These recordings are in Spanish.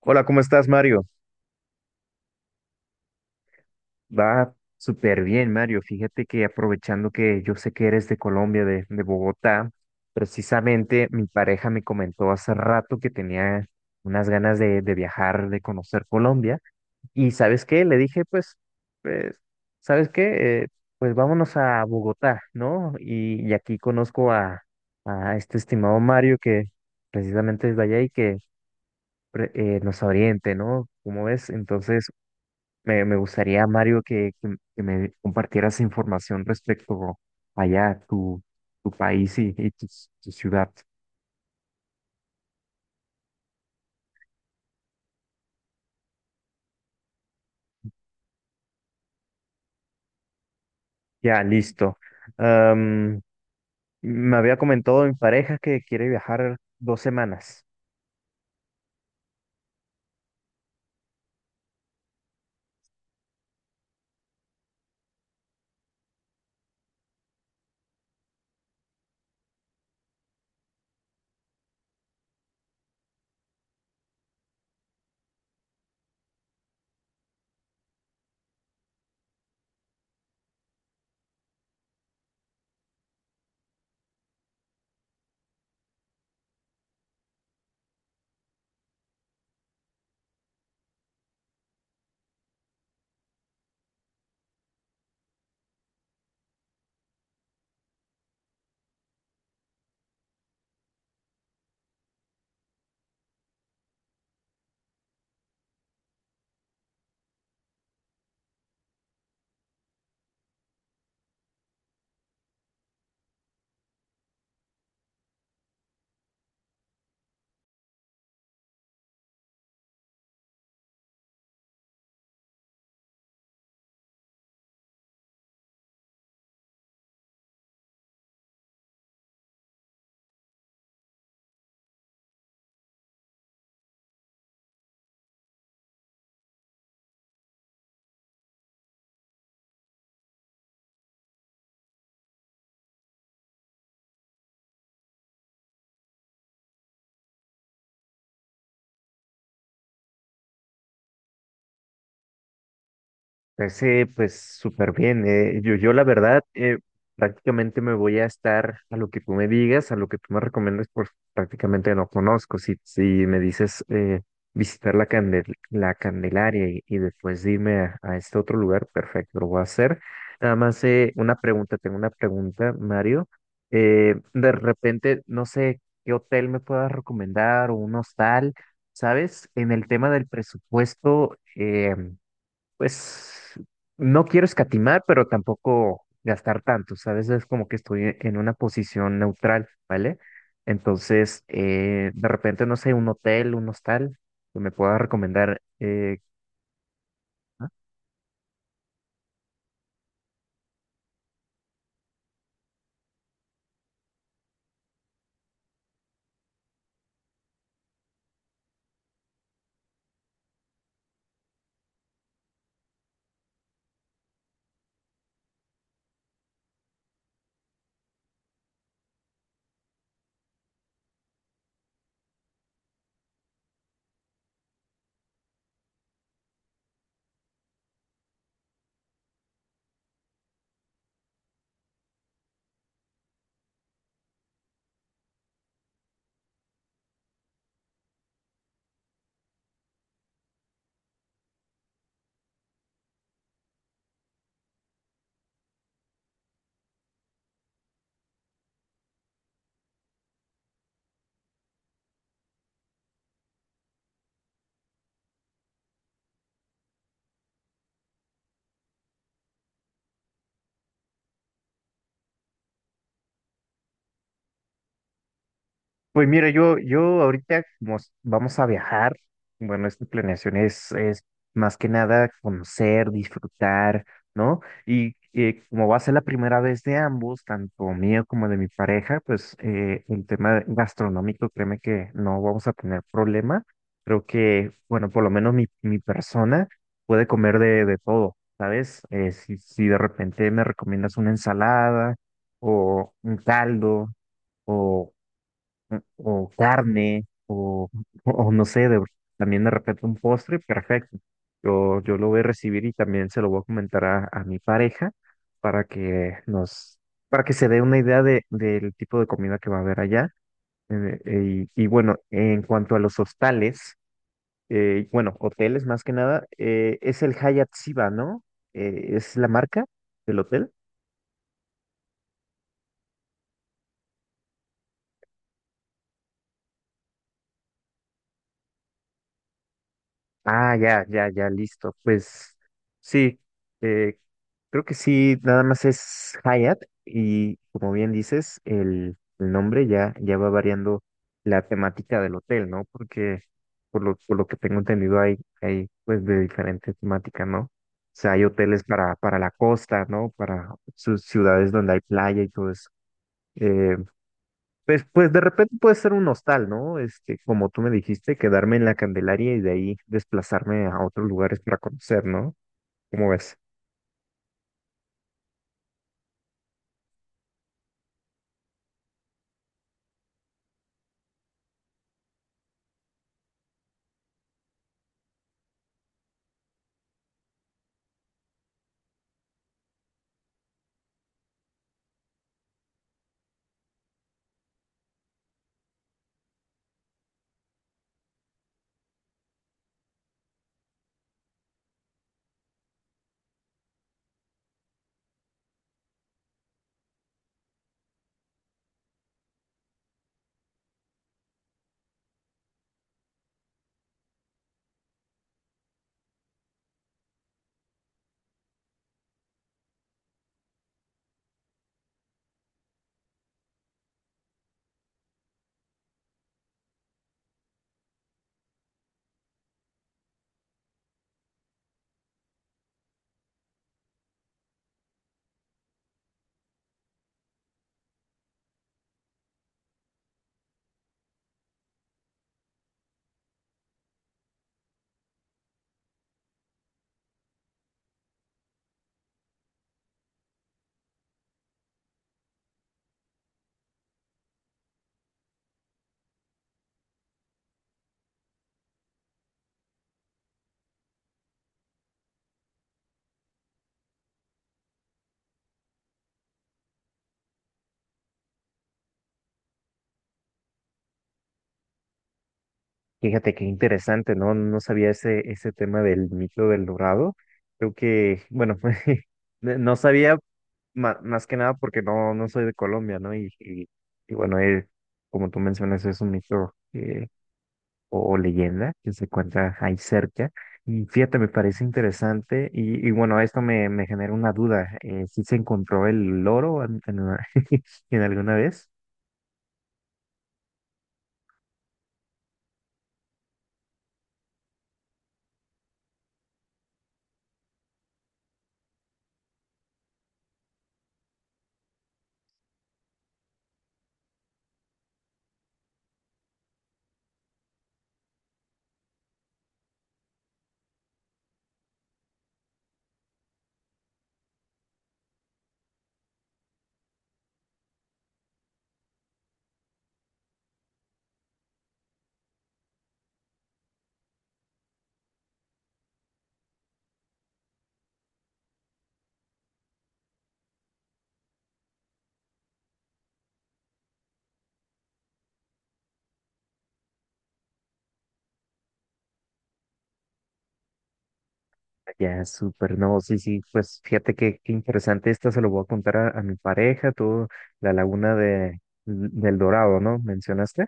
Hola, ¿cómo estás, Mario? Va súper bien, Mario. Fíjate que aprovechando que yo sé que eres de Colombia, de Bogotá, precisamente mi pareja me comentó hace rato que tenía unas ganas de viajar, de conocer Colombia. Y ¿sabes qué? Le dije, pues, pues, ¿sabes qué? Pues vámonos a Bogotá, ¿no? Y aquí conozco a este estimado Mario que precisamente es de allá y que nos oriente, ¿no? Como ves? Entonces me gustaría, Mario, que me compartieras información respecto allá, a tu, tu país y tu, tu ciudad. Ya, listo. Am, Me había comentado mi pareja que quiere viajar dos semanas. Pues, pues súper bien. Yo la verdad prácticamente me voy a estar a lo que tú me digas, a lo que tú me recomiendas, pues prácticamente no conozco. Si, si me dices visitar la, la Candelaria y después irme a este otro lugar, perfecto, lo voy a hacer. Nada más una pregunta, tengo una pregunta, Mario. De repente, no sé qué hotel me puedas recomendar o un hostal, ¿sabes? En el tema del presupuesto. Pues no quiero escatimar, pero tampoco gastar tanto, ¿sabes? Es como que estoy en una posición neutral, ¿vale? Entonces, de repente, no sé, un hotel, un hostal, que me pueda recomendar pues mira, yo ahorita como vamos a viajar, bueno, esta planeación es más que nada conocer, disfrutar, ¿no? Y como va a ser la primera vez de ambos, tanto mío como de mi pareja, pues el tema gastronómico, créeme que no vamos a tener problema. Creo que, bueno, por lo menos mi persona puede comer de todo, ¿sabes? Si, si de repente me recomiendas una ensalada o un caldo o carne, o, o no sé, también de repente un postre, perfecto. Yo lo voy a recibir y también se lo voy a comentar a mi pareja para que nos, para que se dé una idea de, del tipo de comida que va a haber allá. Y bueno, en cuanto a los hostales, bueno, hoteles más que nada, es el Hyatt Ziva, ¿no? Es la marca del hotel. Ah, ya, ya, ya, listo. Pues sí, eh, creo que sí, nada más es Hayat y como bien dices, el nombre ya, ya va variando la temática del hotel, ¿no? Porque por lo que tengo entendido hay, hay pues de diferente temática, ¿no? O sea, hay hoteles para la costa, ¿no? Para sus ciudades donde hay playa y todo eso. Eh, pues, pues de repente puede ser un hostal, ¿no? Este, como tú me dijiste, quedarme en la Candelaria y de ahí desplazarme a otros lugares para conocer, ¿no? ¿Cómo ves? Fíjate qué interesante, ¿no? No sabía ese, ese tema del mito del Dorado. Creo que, bueno, no no sabía más que nada porque no, no soy de Colombia, ¿no? Y bueno, como tú mencionas, es un mito o leyenda que se encuentra ahí cerca. Y fíjate, me parece interesante y bueno, esto me, me genera una duda. ¿Si se encontró el loro en, en alguna vez? Ya, súper, no, sí, sí, pues fíjate que, qué interesante, esta se lo voy a contar a mi pareja, tú, la laguna de, del Dorado, ¿no? ¿Mencionaste?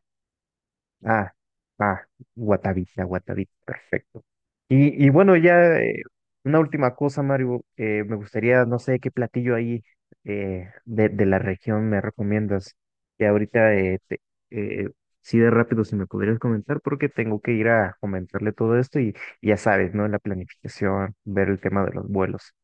Ah, ah, Guatavita, Guatavita, perfecto. Y bueno, ya una última cosa, Mario. Me gustaría, no sé qué platillo ahí de la región me recomiendas. Que ahorita, eh, sí de rápido, si me podrías comentar, porque tengo que ir a comentarle todo esto y ya sabes, ¿no? La planificación, ver el tema de los vuelos.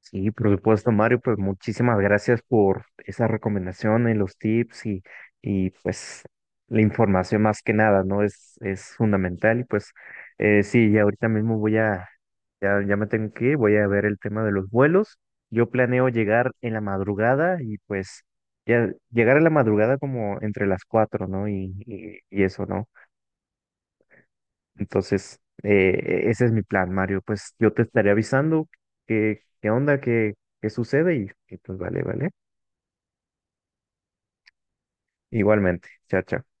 Sí, por supuesto, Mario, pues muchísimas gracias por esas recomendaciones, los tips y pues la información más que nada, ¿no? Es fundamental y pues sí, ya ahorita mismo voy a, ya, ya me tengo que ir, voy a ver el tema de los vuelos. Yo planeo llegar en la madrugada y pues ya llegar a la madrugada como entre las 4, ¿no? Y eso, ¿no? Entonces, ese es mi plan, Mario. Pues yo te estaré avisando qué, qué onda, qué, qué sucede y pues vale, vale. Igualmente, chao, chao.